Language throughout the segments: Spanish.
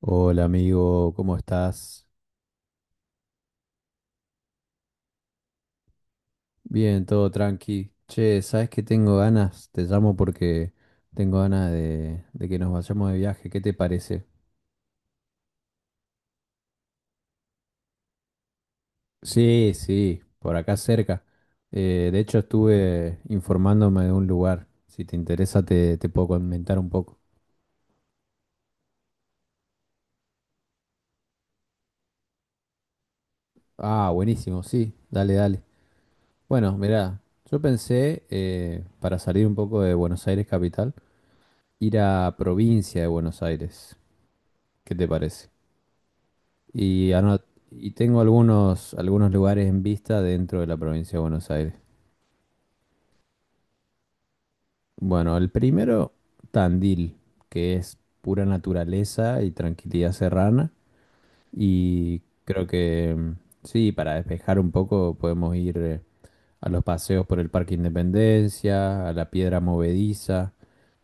Hola amigo, ¿cómo estás? Bien, todo tranqui. Che, ¿sabes qué tengo ganas? Te llamo porque tengo ganas de que nos vayamos de viaje. ¿Qué te parece? Sí, sí, por acá cerca. De hecho, estuve informándome de un lugar. Si te interesa, te puedo comentar un poco. Ah, buenísimo, sí, dale, dale. Bueno, mirá, yo pensé, para salir un poco de Buenos Aires capital, ir a provincia de Buenos Aires. ¿Qué te parece? Y, ano- y tengo algunos lugares en vista dentro de la provincia de Buenos Aires. Bueno, el primero, Tandil, que es pura naturaleza y tranquilidad serrana. Y creo que sí, para despejar un poco podemos ir. A los paseos por el Parque Independencia, a la Piedra Movediza,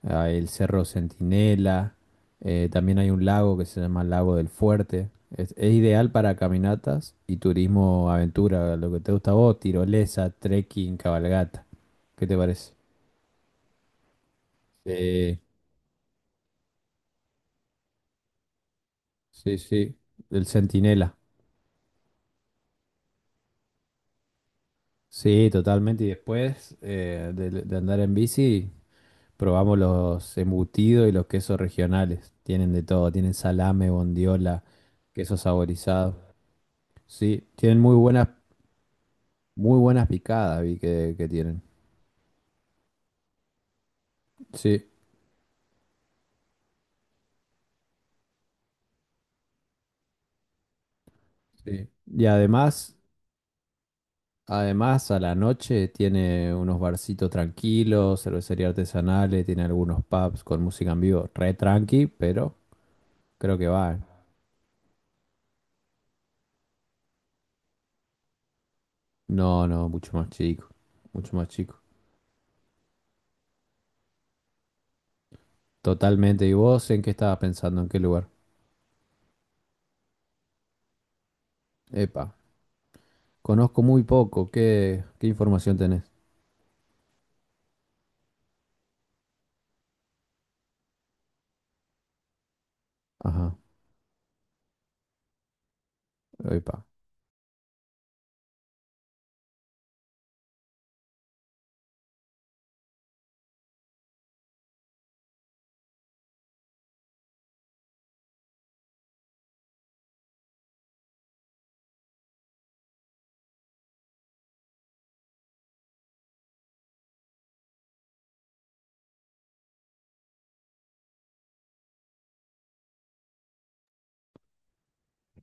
a el Cerro Centinela. También hay un lago que se llama Lago del Fuerte. Es ideal para caminatas y turismo aventura, lo que te gusta a vos, tirolesa, trekking, cabalgata. ¿Qué te parece? Sí, sí, sí. El Centinela. Sí, totalmente. Y después de andar en bici, probamos los embutidos y los quesos regionales. Tienen de todo, tienen salame, bondiola, queso saborizado. Sí, tienen muy buenas picadas, vi que tienen. Sí, sí. Y además, además a la noche tiene unos barcitos tranquilos, cervecería artesanales, tiene algunos pubs con música en vivo, re tranqui, pero creo que va. No, no, mucho más chico, mucho más chico. Totalmente. ¿Y vos en qué estabas pensando? ¿En qué lugar? Epa. Conozco muy poco. ¿Qué información tenés? Ajá. Epa.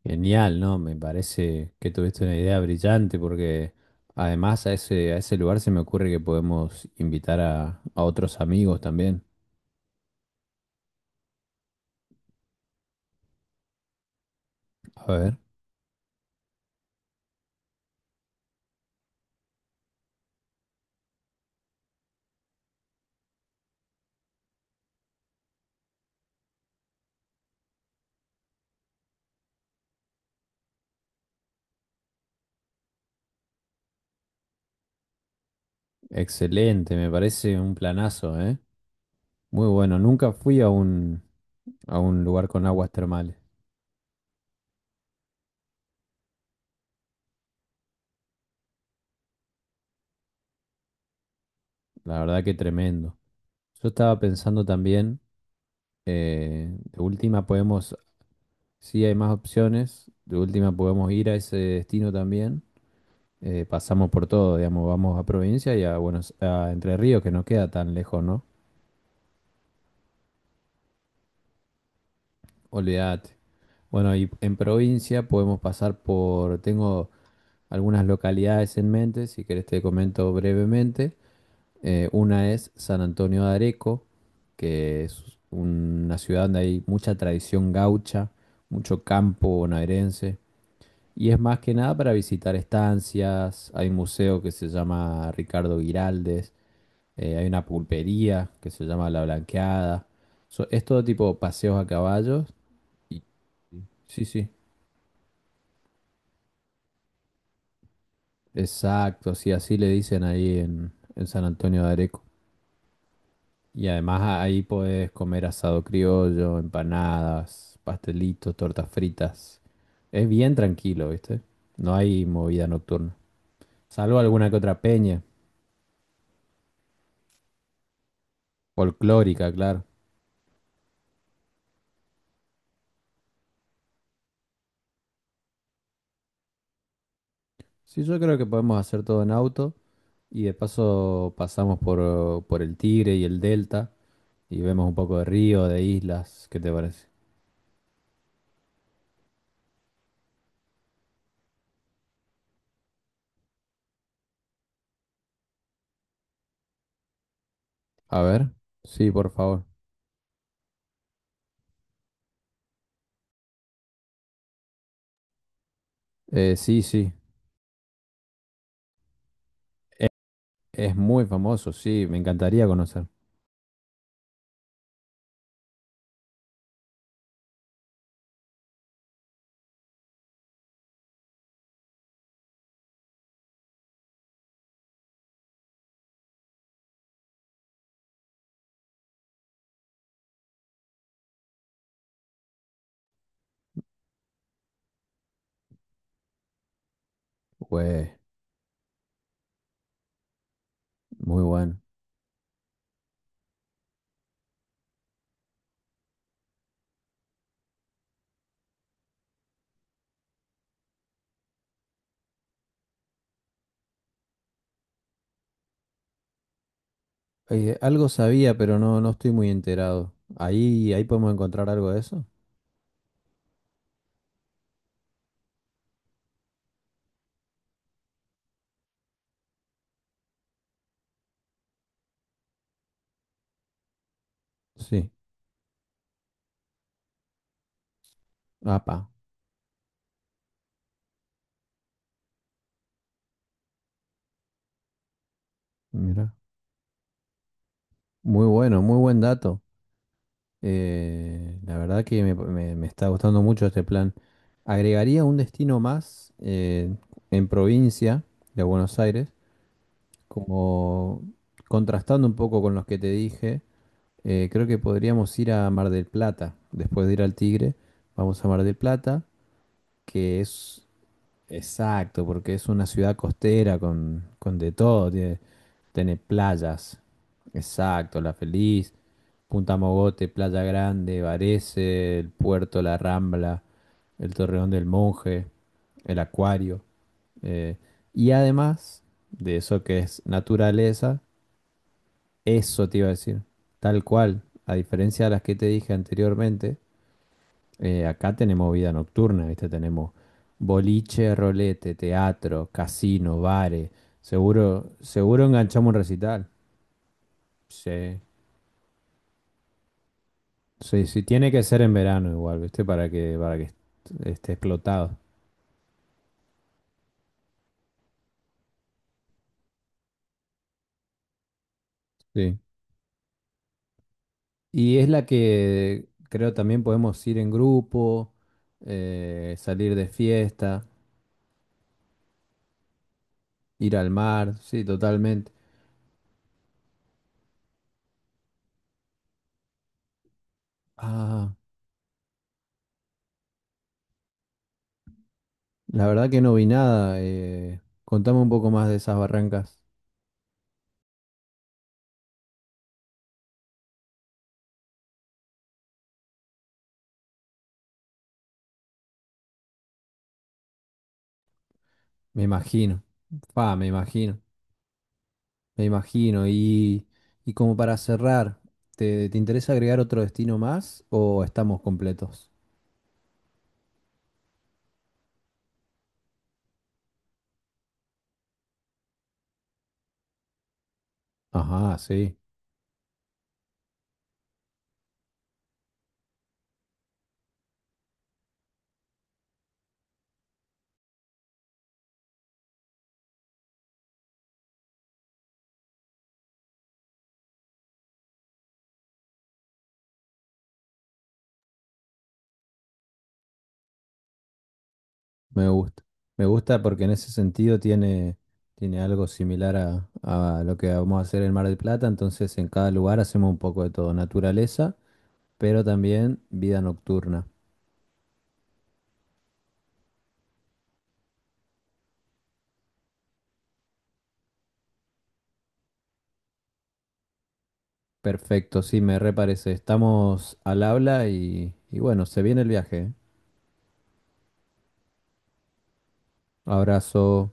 Genial, ¿no? Me parece que tuviste una idea brillante porque además a ese lugar se me ocurre que podemos invitar a otros amigos también. A ver. Excelente, me parece un planazo, ¿eh? Muy bueno. Nunca fui a un, A un lugar con aguas termales. La verdad que tremendo. Yo estaba pensando también, de última podemos. Sí, hay más opciones. De última podemos ir a ese destino también. Pasamos por todo, digamos, vamos a provincia y a Buenos, a Entre Ríos, que no queda tan lejos, ¿no? Olvídate. Bueno, y en provincia podemos pasar por, tengo algunas localidades en mente, si querés te comento brevemente. Una es San Antonio de Areco, que es una ciudad donde hay mucha tradición gaucha, mucho campo bonaerense. Y es más que nada para visitar estancias, hay un museo que se llama Ricardo Giraldes, hay una pulpería que se llama La Blanqueada. Es todo tipo de paseos a caballos. Y, sí, sí, exacto, sí, así le dicen ahí en San Antonio de Areco. Y además ahí podés comer asado criollo, empanadas, pastelitos, tortas fritas. Es bien tranquilo, ¿viste? No hay movida nocturna. Salvo alguna que otra peña, folclórica, claro. Sí, yo creo que podemos hacer todo en auto y de paso pasamos por el Tigre y el Delta y vemos un poco de río, de islas, ¿qué te parece? A ver, sí, por favor. Sí, sí, es, es muy famoso, sí, me encantaría conocer. Güey, muy bueno. Algo sabía, pero no, no estoy muy enterado. Ahí, ahí podemos encontrar algo de eso. Sí, apa, mira. Muy bueno, muy buen dato. La verdad que me está gustando mucho este plan. Agregaría un destino más en provincia de Buenos Aires, como contrastando un poco con los que te dije, creo que podríamos ir a Mar del Plata, después de ir al Tigre, vamos a Mar del Plata, que es. Exacto, porque es una ciudad costera con de todo, tiene, tiene playas. Exacto, La Feliz, Punta Mogote, Playa Grande, Varese, el puerto, La Rambla, el Torreón del Monje, el Acuario. eh, y además de eso que es naturaleza, eso te iba a decir, tal cual, a diferencia de las que te dije anteriormente, acá tenemos vida nocturna, ¿viste? Tenemos boliche, rolete, teatro, casino, bares. Seguro, seguro enganchamos un recital. Sí. Sí, sí, tiene que ser en verano igual, ¿viste? Para que esté explotado. Sí. Y es la que creo también podemos ir en grupo, salir de fiesta, ir al mar, sí, totalmente. Ah, la verdad que no vi nada. Contame un poco más de esas barrancas. Me imagino, pa, me imagino, me imagino. Y como para cerrar, ¿te interesa agregar otro destino más o estamos completos? Ajá, sí, me gusta. Me gusta porque en ese sentido tiene, tiene algo similar a lo que vamos a hacer en Mar del Plata. Entonces, en cada lugar hacemos un poco de todo, naturaleza, pero también vida nocturna. Perfecto, sí, me reparece. Estamos al habla y bueno, se viene el viaje. ¿Eh? Abrazo.